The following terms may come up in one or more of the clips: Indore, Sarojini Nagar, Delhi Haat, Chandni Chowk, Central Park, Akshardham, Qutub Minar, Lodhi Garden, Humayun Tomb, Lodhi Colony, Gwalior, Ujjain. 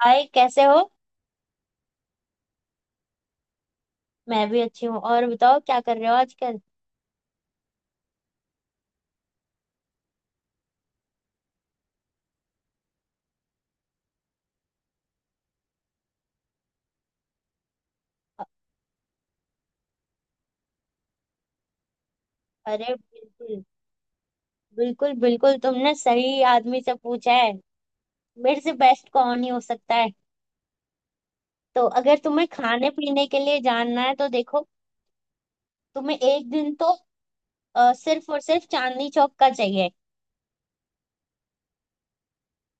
हाय कैसे हो। मैं भी अच्छी हूँ। और बताओ क्या कर रहे हो आजकल। अ- अरे बिल्कुल। बिल्कुल बिल्कुल, तुमने सही आदमी से पूछा है। मेरे से बेस्ट कौन ही हो सकता है। तो अगर तुम्हें खाने पीने के लिए जानना है तो देखो, तुम्हें एक दिन तो सिर्फ और सिर्फ चांदनी चौक का चाहिए।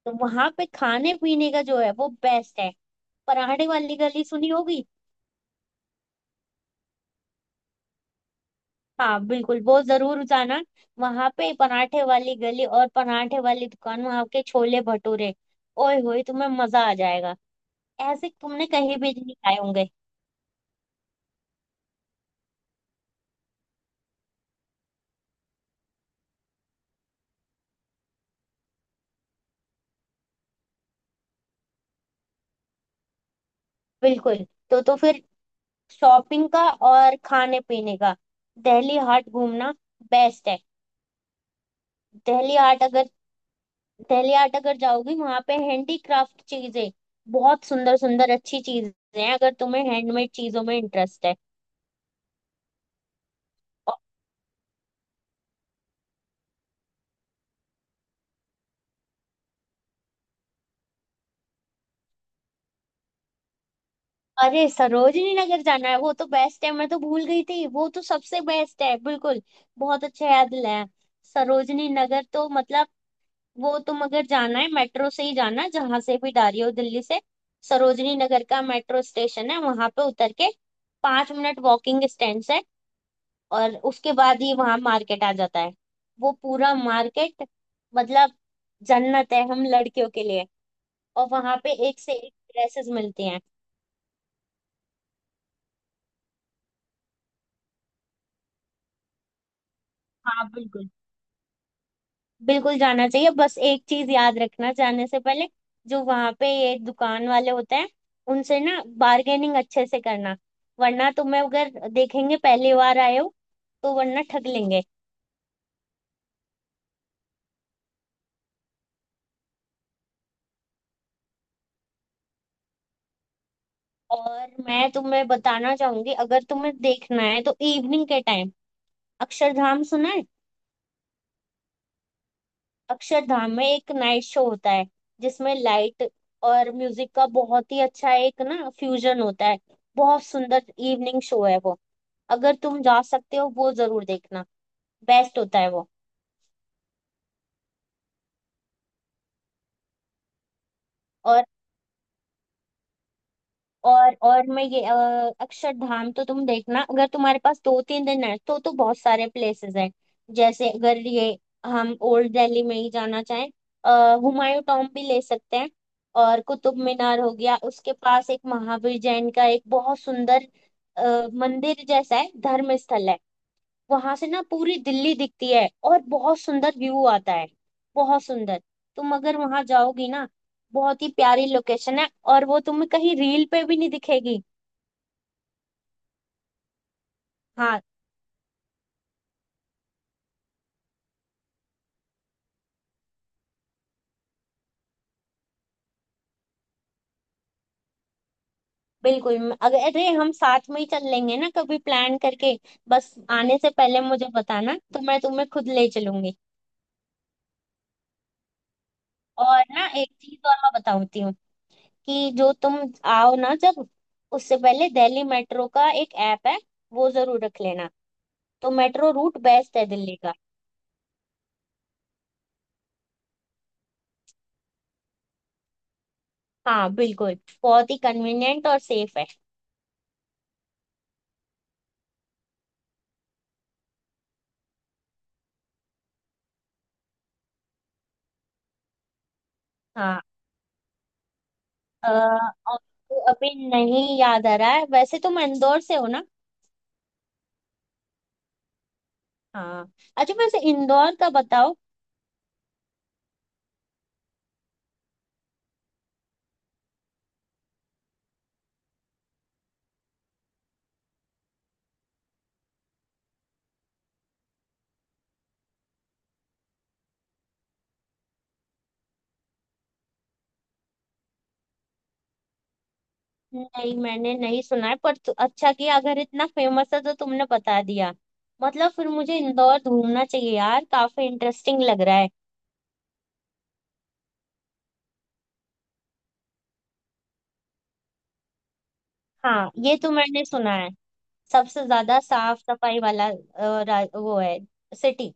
तो वहां पे खाने पीने का जो है वो बेस्ट है। पराठे वाली गली सुनी होगी। हाँ बिल्कुल, वो जरूर जाना। वहां पे पराठे वाली गली और पराठे वाली दुकान, वहां के छोले भटूरे, ओए होए तुम्हें मजा आ जाएगा। ऐसे तुमने कहीं भी नहीं खाए होंगे। बिल्कुल। तो फिर शॉपिंग का और खाने पीने का दिल्ली हाट घूमना बेस्ट है। दिल्ली हाट अगर दिल्ली हाट अगर जाओगी वहां पे हैंडीक्राफ्ट चीजें, बहुत सुंदर सुंदर अच्छी चीजें हैं, अगर तुम्हें हैंडमेड चीजों में इंटरेस्ट है। अरे सरोजनी नगर जाना है, वो तो बेस्ट है, मैं तो भूल गई थी, वो तो सबसे बेस्ट है बिल्कुल। बहुत अच्छा याद दिलाया। सरोजनी नगर तो मतलब वो, तुम अगर जाना है मेट्रो से ही जाना, जहां से भी जा रही हो दिल्ली से। सरोजनी नगर का मेट्रो स्टेशन है, वहां पे उतर के 5 मिनट वॉकिंग डिस्टेंस है। और उसके बाद ही वहां मार्केट आ जाता है। वो पूरा मार्केट मतलब जन्नत है हम लड़कियों के लिए। और वहां पे एक से एक ड्रेसेस मिलती हैं। हाँ बिल्कुल, बिल्कुल जाना चाहिए। बस एक चीज याद रखना जाने से पहले, जो वहां पे ये दुकान वाले होते हैं, उनसे ना बार्गेनिंग अच्छे से करना। वरना तुम्हें अगर देखेंगे पहली बार आए हो तो वरना ठग लेंगे। और मैं तुम्हें बताना चाहूंगी, अगर तुम्हें देखना है तो इवनिंग के टाइम अक्षरधाम सुना है। अक्षरधाम में एक नाइट शो होता है जिसमें लाइट और म्यूजिक का बहुत ही अच्छा एक ना फ्यूजन होता है। बहुत सुंदर इवनिंग शो है वो। अगर तुम जा सकते हो वो जरूर देखना। बेस्ट होता है वो। और और मैं ये अक्षरधाम तो तुम देखना। अगर तुम्हारे पास दो तीन दिन है तो बहुत सारे प्लेसेस हैं। जैसे अगर ये हम ओल्ड दिल्ली में ही जाना चाहें, हुमायूं टॉम भी ले सकते हैं। और कुतुब मीनार हो गया, उसके पास एक महावीर जैन का एक बहुत सुंदर मंदिर जैसा है, धर्म स्थल है। वहां से ना पूरी दिल्ली दिखती है और बहुत सुंदर व्यू आता है। बहुत सुंदर। तुम अगर वहां जाओगी ना, बहुत ही प्यारी लोकेशन है। और वो तुम्हें कहीं रील पे भी नहीं दिखेगी। हाँ बिल्कुल। अगर अरे हम साथ में ही चल लेंगे ना कभी प्लान करके। बस आने से पहले मुझे बताना तो मैं तुम्हें खुद ले चलूंगी। और ना एक चीज और मैं बताती हूँ कि जो तुम आओ ना जब, उससे पहले दिल्ली मेट्रो का एक ऐप है, वो जरूर रख लेना। तो मेट्रो रूट बेस्ट है दिल्ली का। हाँ बिल्कुल, बहुत ही कन्वीनियंट और सेफ है। हाँ। अ, और अभी नहीं याद आ रहा है। वैसे तुम इंदौर से हो ना। हाँ। अच्छा वैसे इंदौर का बताओ। नहीं मैंने नहीं सुना है पर अच्छा किया, अगर इतना फेमस है तो तुमने बता दिया। मतलब फिर मुझे इंदौर घूमना चाहिए यार, काफी इंटरेस्टिंग लग रहा है। हाँ ये तो मैंने सुना है। सबसे ज्यादा साफ सफाई वाला वो है सिटी।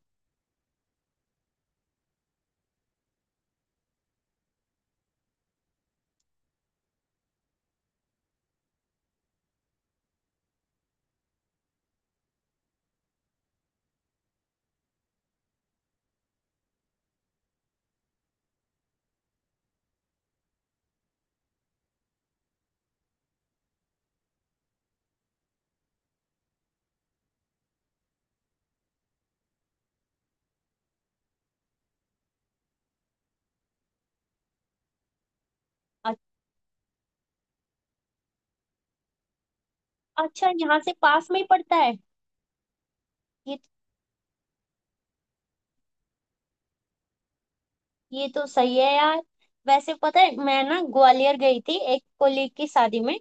अच्छा यहाँ से पास में ही पड़ता है। ये ये तो सही है यार। वैसे पता है मैं ना ग्वालियर गई थी एक कोलीग की शादी में।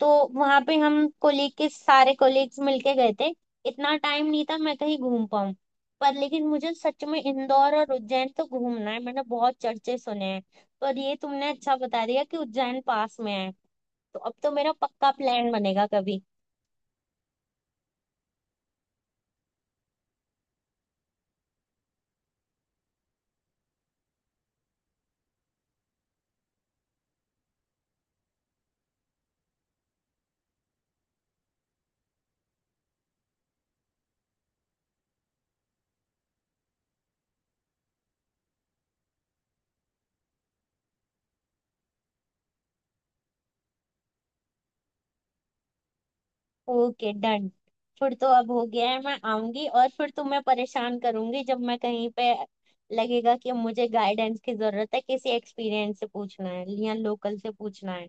तो वहां पे हम कोलीग के सारे कोलीग्स मिलके गए थे। इतना टाइम नहीं था मैं कहीं घूम पाऊँ। पर लेकिन मुझे सच में इंदौर और उज्जैन तो घूमना है, मैंने बहुत चर्चे सुने हैं। पर ये तुमने अच्छा बता दिया कि उज्जैन पास में है। तो अब तो मेरा पक्का प्लान बनेगा कभी। Okay done. फिर तो अब हो गया है। मैं आऊंगी और फिर तुम्हें परेशान करूंगी जब मैं कहीं पे लगेगा कि अब मुझे गाइडेंस की जरूरत है, किसी एक्सपीरियंस से पूछना है या लोकल से पूछना है।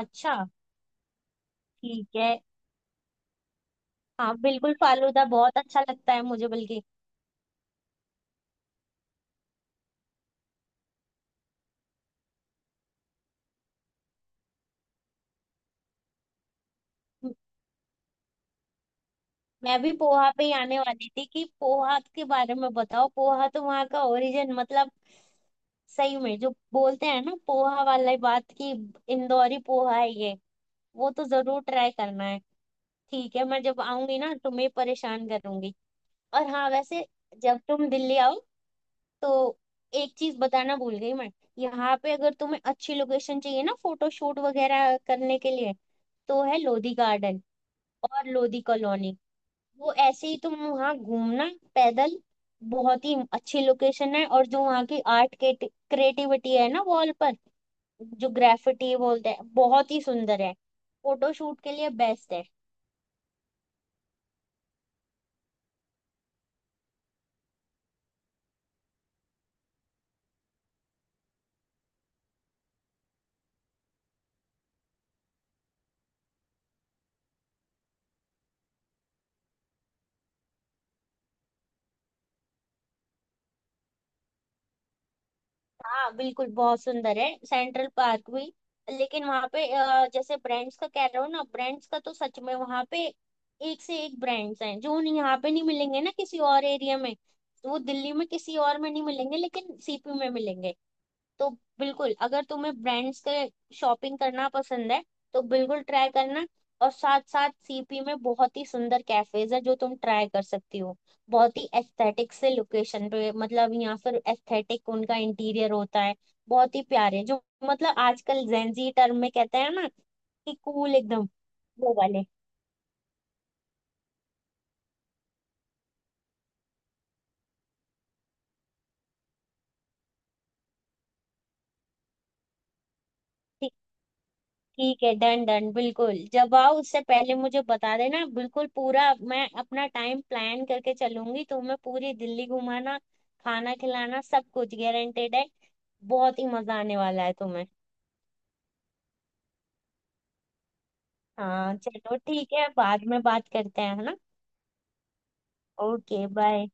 अच्छा। ठीक है। हाँ बिल्कुल, फालूदा बहुत अच्छा लगता है मुझे बल्कि। म- मैं भी पोहा पे ही आने वाली थी कि पोहा के बारे में बताओ। पोहा तो वहाँ का ओरिजिन मतलब, सही में जो बोलते हैं ना पोहा वाला बात की, इंदौरी पोहा है ये। वो तो जरूर ट्राई करना है। ठीक है मैं जब आऊंगी ना तुम्हें परेशान करूंगी। और हाँ वैसे जब तुम दिल्ली आओ तो एक चीज बताना भूल गई मैं। यहाँ पे अगर तुम्हें अच्छी लोकेशन चाहिए ना फोटो शूट वगैरह करने के लिए तो है लोधी गार्डन और लोधी कॉलोनी। वो ऐसे ही तुम वहाँ घूमना पैदल, बहुत ही अच्छी लोकेशन है। और जो वहाँ की आर्ट के क्रिएटिविटी है ना वॉल पर, जो ग्राफिटी बोलते हैं, बहुत ही सुंदर है। फोटो शूट के लिए बेस्ट है। हाँ बिल्कुल, बहुत सुंदर है सेंट्रल पार्क भी। लेकिन वहाँ पे जैसे ब्रांड्स का कह रहे हो ना, ब्रांड्स का तो सच में वहाँ पे एक से एक ब्रांड्स हैं जो उन्हें यहाँ पे नहीं मिलेंगे ना किसी और एरिया में। तो वो दिल्ली में किसी और में नहीं मिलेंगे लेकिन सीपी में मिलेंगे। तो बिल्कुल अगर तुम्हें ब्रांड्स के शॉपिंग करना पसंद है तो बिल्कुल ट्राई करना। और साथ साथ सीपी में बहुत ही सुंदर कैफेज है जो तुम ट्राई कर सकती हो। बहुत ही एस्थेटिक से लोकेशन पे, मतलब यहाँ पर एस्थेटिक उनका इंटीरियर होता है। बहुत ही प्यारे जो, मतलब आजकल जेंजी टर्म में कहते हैं ना कि कूल एकदम वो वाले। ठीक है डन डन। बिल्कुल जब आओ उससे पहले मुझे बता देना बिल्कुल पूरा। मैं अपना टाइम प्लान करके चलूंगी। तुम्हें पूरी दिल्ली घुमाना, खाना खिलाना सब कुछ गारंटेड है। बहुत ही मजा आने वाला है तुम्हें। हाँ चलो ठीक है, बाद में बात करते हैं है ना। Okay bye.